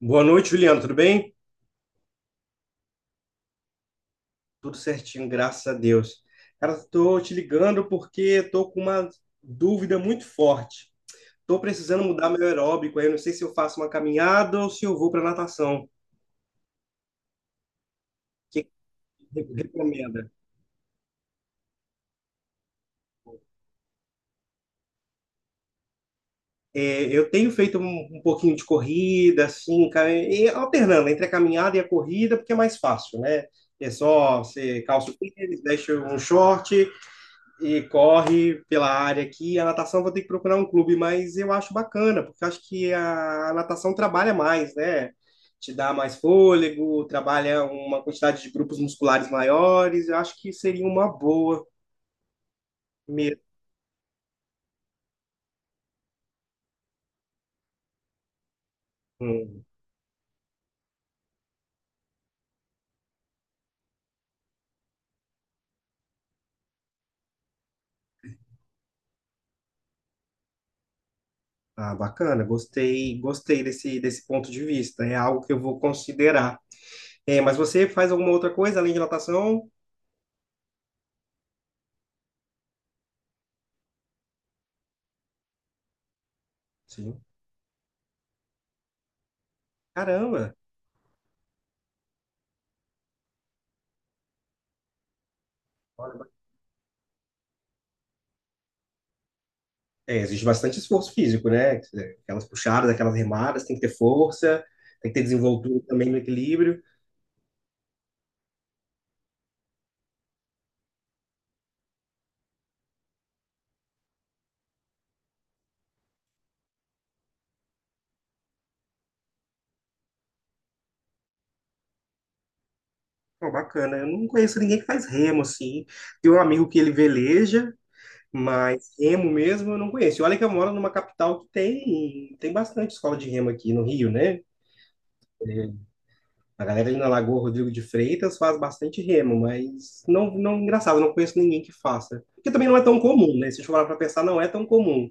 Boa noite, Juliano. Tudo bem? Tudo certinho, graças a Deus. Cara, estou te ligando porque estou com uma dúvida muito forte. Estou precisando mudar meu aeróbico. Aí eu não sei se eu faço uma caminhada ou se eu vou para natação. O que que recomenda? É, eu tenho feito um pouquinho de corrida, assim, e alternando entre a caminhada e a corrida, porque é mais fácil, né? É só você calça o tênis, deixa um short e corre pela área aqui. A natação eu vou ter que procurar um clube, mas eu acho bacana, porque eu acho que a natação trabalha mais, né? Te dá mais fôlego, trabalha uma quantidade de grupos musculares maiores. Eu acho que seria uma boa mesmo. Ah, bacana, gostei, gostei desse ponto de vista. É algo que eu vou considerar. É, mas você faz alguma outra coisa além de natação? Sim. Caramba! É, exige bastante esforço físico, né? Aquelas puxadas, aquelas remadas, tem que ter força, tem que ter desenvoltura também no equilíbrio. Pô, bacana. Eu não conheço ninguém que faz remo, assim. Tem um amigo que ele veleja, mas remo mesmo eu não conheço. E olha que eu moro numa capital que tem bastante escola de remo aqui no Rio, né? A galera ali na Lagoa Rodrigo de Freitas faz bastante remo, mas não, engraçado, eu não conheço ninguém que faça. Porque também não é tão comum, né? Se a gente for parar pra pensar, não é tão comum.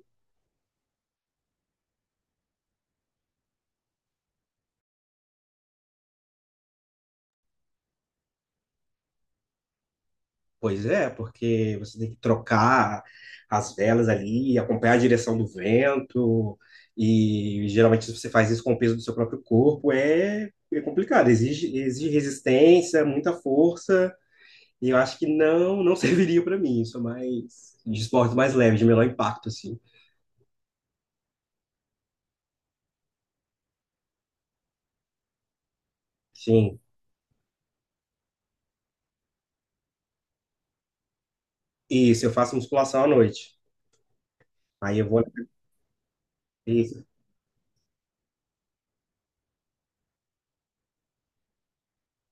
Pois é, porque você tem que trocar as velas ali, acompanhar a direção do vento, e geralmente se você faz isso com o peso do seu próprio corpo, é complicado, exige resistência, muita força, e eu acho que não serviria para mim, isso é mais de esporte mais leve, de menor impacto, assim. Sim, isso, eu faço musculação à noite, aí eu vou... Isso.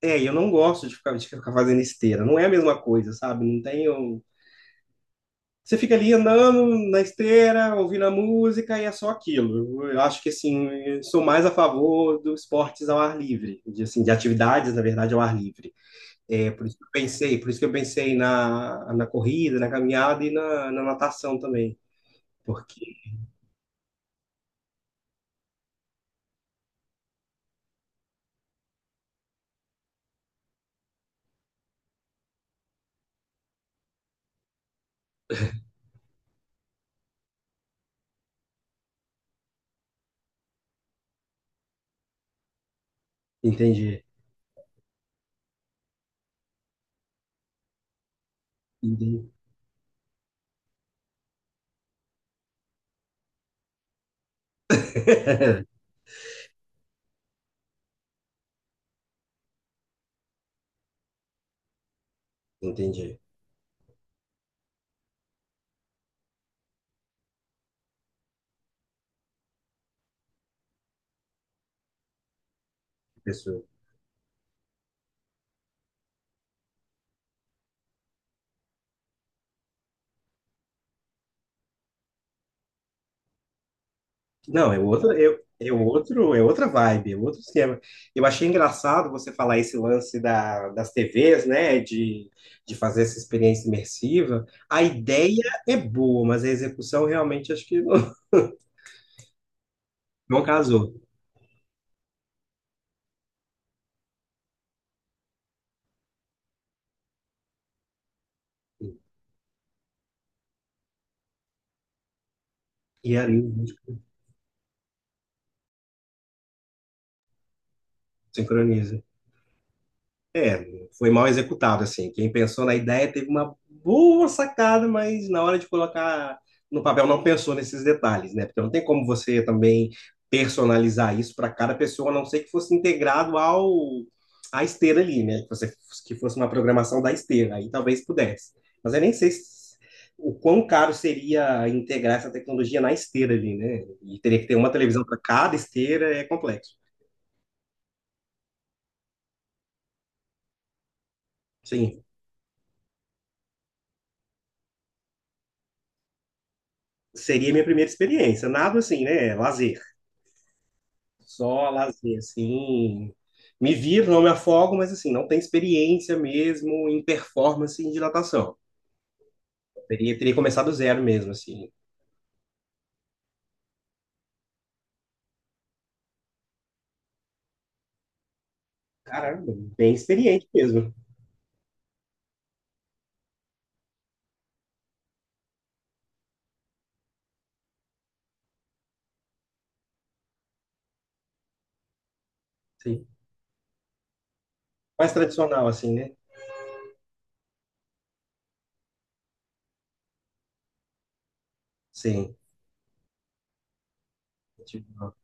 É, e eu não gosto de ficar fazendo esteira, não é a mesma coisa, sabe? Não tenho. Você fica ali andando na esteira, ouvindo a música e é só aquilo. Eu acho que assim, eu sou mais a favor dos esportes ao ar livre, de, assim, de atividades, na verdade, ao ar livre. É por isso que eu pensei, por isso que eu pensei na corrida, na caminhada e na natação também. Porque, entendi, entendi, entendi. Pessoa. Não, é outra, é outro, é outra vibe, é outro esquema. Eu achei engraçado você falar esse lance das TVs, né, de, fazer essa experiência imersiva. A ideia é boa, mas a execução realmente acho que não, não casou. E ali a gente sincroniza. É, foi mal executado, assim. Quem pensou na ideia teve uma boa sacada, mas na hora de colocar no papel não pensou nesses detalhes, né? Porque não tem como você também personalizar isso para cada pessoa, a não ser que fosse integrado ao à esteira ali, né? Que você que fosse uma programação da esteira, aí talvez pudesse. Mas eu nem sei se- o quão caro seria integrar essa tecnologia na esteira ali, né? E teria que ter uma televisão para cada esteira, é complexo. Sim, seria minha primeira experiência. Nada assim, né? Lazer. Só lazer, assim. Me viro, não me afogo, mas assim, não tem experiência mesmo em performance em dilatação. Teria, teria começado do zero mesmo, assim. Caramba, bem experiente mesmo. Sim. Mais tradicional, assim, né? Sim. Tipo,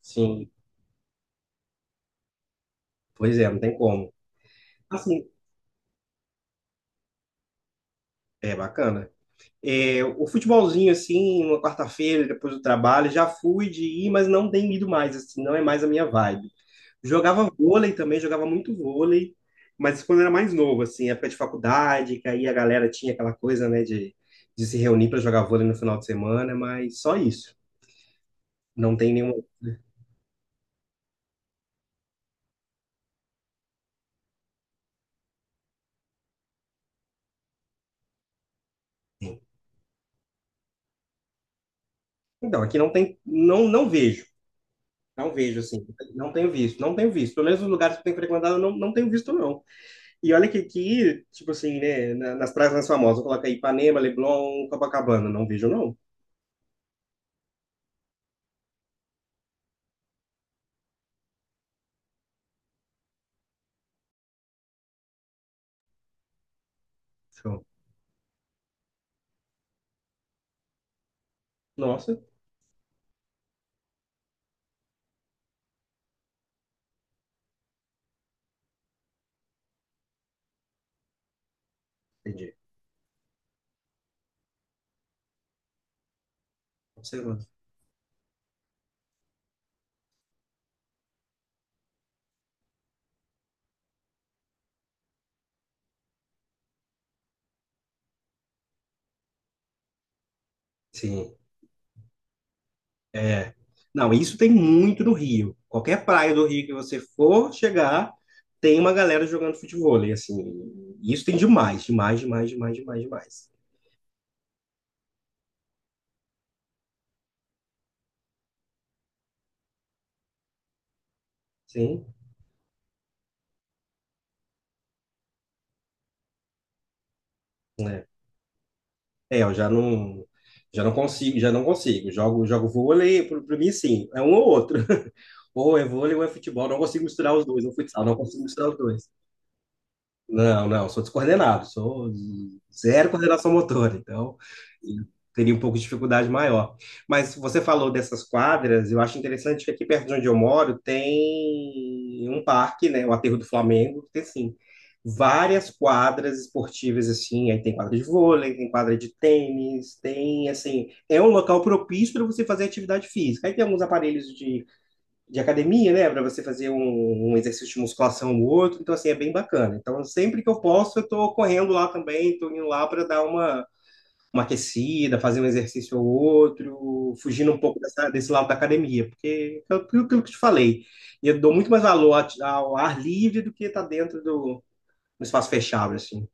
sim, pois é, não tem como. Assim, é bacana. É, o futebolzinho, assim, uma quarta-feira, depois do trabalho, já fui de ir, mas não tenho ido mais, assim, não é mais a minha vibe. Jogava vôlei também, jogava muito vôlei, mas quando era mais novo, assim, época de faculdade, que aí a galera tinha aquela coisa, né, de, se reunir para jogar vôlei no final de semana, mas só isso. Não tem nenhum. Então, aqui não tem. Não, não vejo. Não vejo, assim. Não tenho visto. Não tenho visto. Pelo menos os lugares que eu tenho frequentado, eu não, não tenho visto, não. E olha que aqui, tipo assim, né, nas praias mais famosas, coloca aí Ipanema, Leblon, Copacabana. Não vejo, não. Show. Nossa, entendi. Observando. Sim. É. Não, isso tem muito no Rio. Qualquer praia do Rio que você for chegar, tem uma galera jogando futebol. E assim, isso tem demais, demais, demais, demais, demais, demais. Sim, né? É, eu já não consigo, já não consigo. Jogo, jogo vôlei, para mim, sim, é um ou outro. Ou é vôlei ou é futebol. Não consigo misturar os dois, ou futsal, não consigo misturar os dois. Não, não, sou descoordenado, sou zero coordenação motora, então eu teria um pouco de dificuldade maior. Mas você falou dessas quadras, eu acho interessante que aqui perto de onde eu moro tem um parque, né, o Aterro do Flamengo, tem assim, várias quadras esportivas assim, aí tem quadra de vôlei, tem quadra de tênis, tem assim, é um local propício para você fazer atividade física. Aí tem alguns aparelhos de academia, né? Para você fazer um exercício de musculação ou outro. Então, assim, é bem bacana. Então, sempre que eu posso, eu estou correndo lá também, estou indo lá para dar uma aquecida, fazer um exercício ou outro, fugindo um pouco desse lado da academia, porque é aquilo que eu te falei. Eu dou muito mais valor ao ar livre do que estar dentro do, espaço fechado, assim.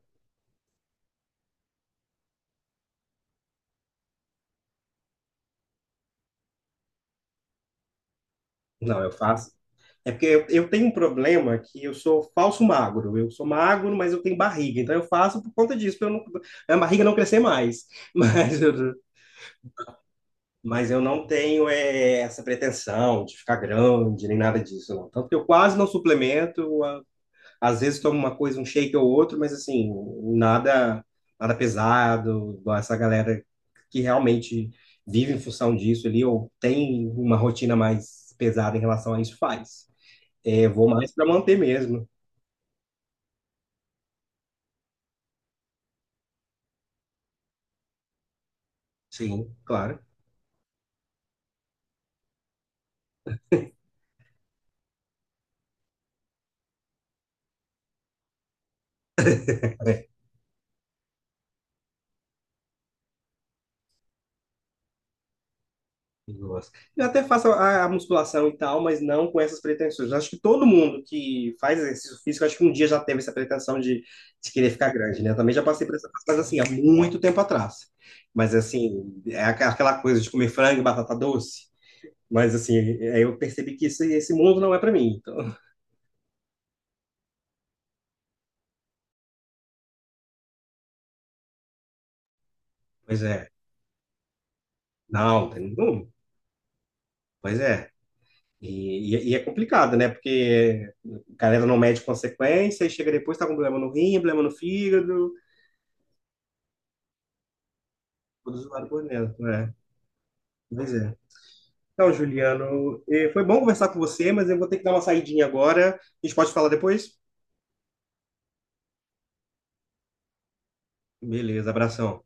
Não, eu faço. É porque eu tenho um problema que eu sou falso magro. Eu sou magro, mas eu tenho barriga. Então eu faço por conta disso, para a barriga não crescer mais. Mas eu, mas eu não tenho é, essa pretensão de ficar grande, nem nada disso, não. Tanto que eu quase não suplemento. Às vezes tomo uma coisa, um shake ou outro, mas assim, nada, nada pesado, igual essa galera que realmente vive em função disso ali, ou tem uma rotina mais pesada em relação a isso, faz. É, vou mais para manter mesmo. Sim, claro. É. Eu gosto. Eu até faço a musculação e tal, mas não com essas pretensões. Acho que todo mundo que faz exercício físico, acho que um dia já teve essa pretensão de, querer ficar grande, né? Eu também já passei por essa fase, mas assim, há muito tempo atrás. Mas assim, é aquela coisa de comer frango e batata doce. Mas assim, aí eu percebi que isso, esse mundo não é para mim. Então, pois é. Não, tem nenhum. Pois é. E, e é complicado, né? Porque a galera não mede consequência e chega depois, tá com problema no rim, problema no fígado. Todos os por dentro, é. Pois é. Então, Juliano, foi bom conversar com você, mas eu vou ter que dar uma saidinha agora. A gente pode falar depois? Beleza, abração.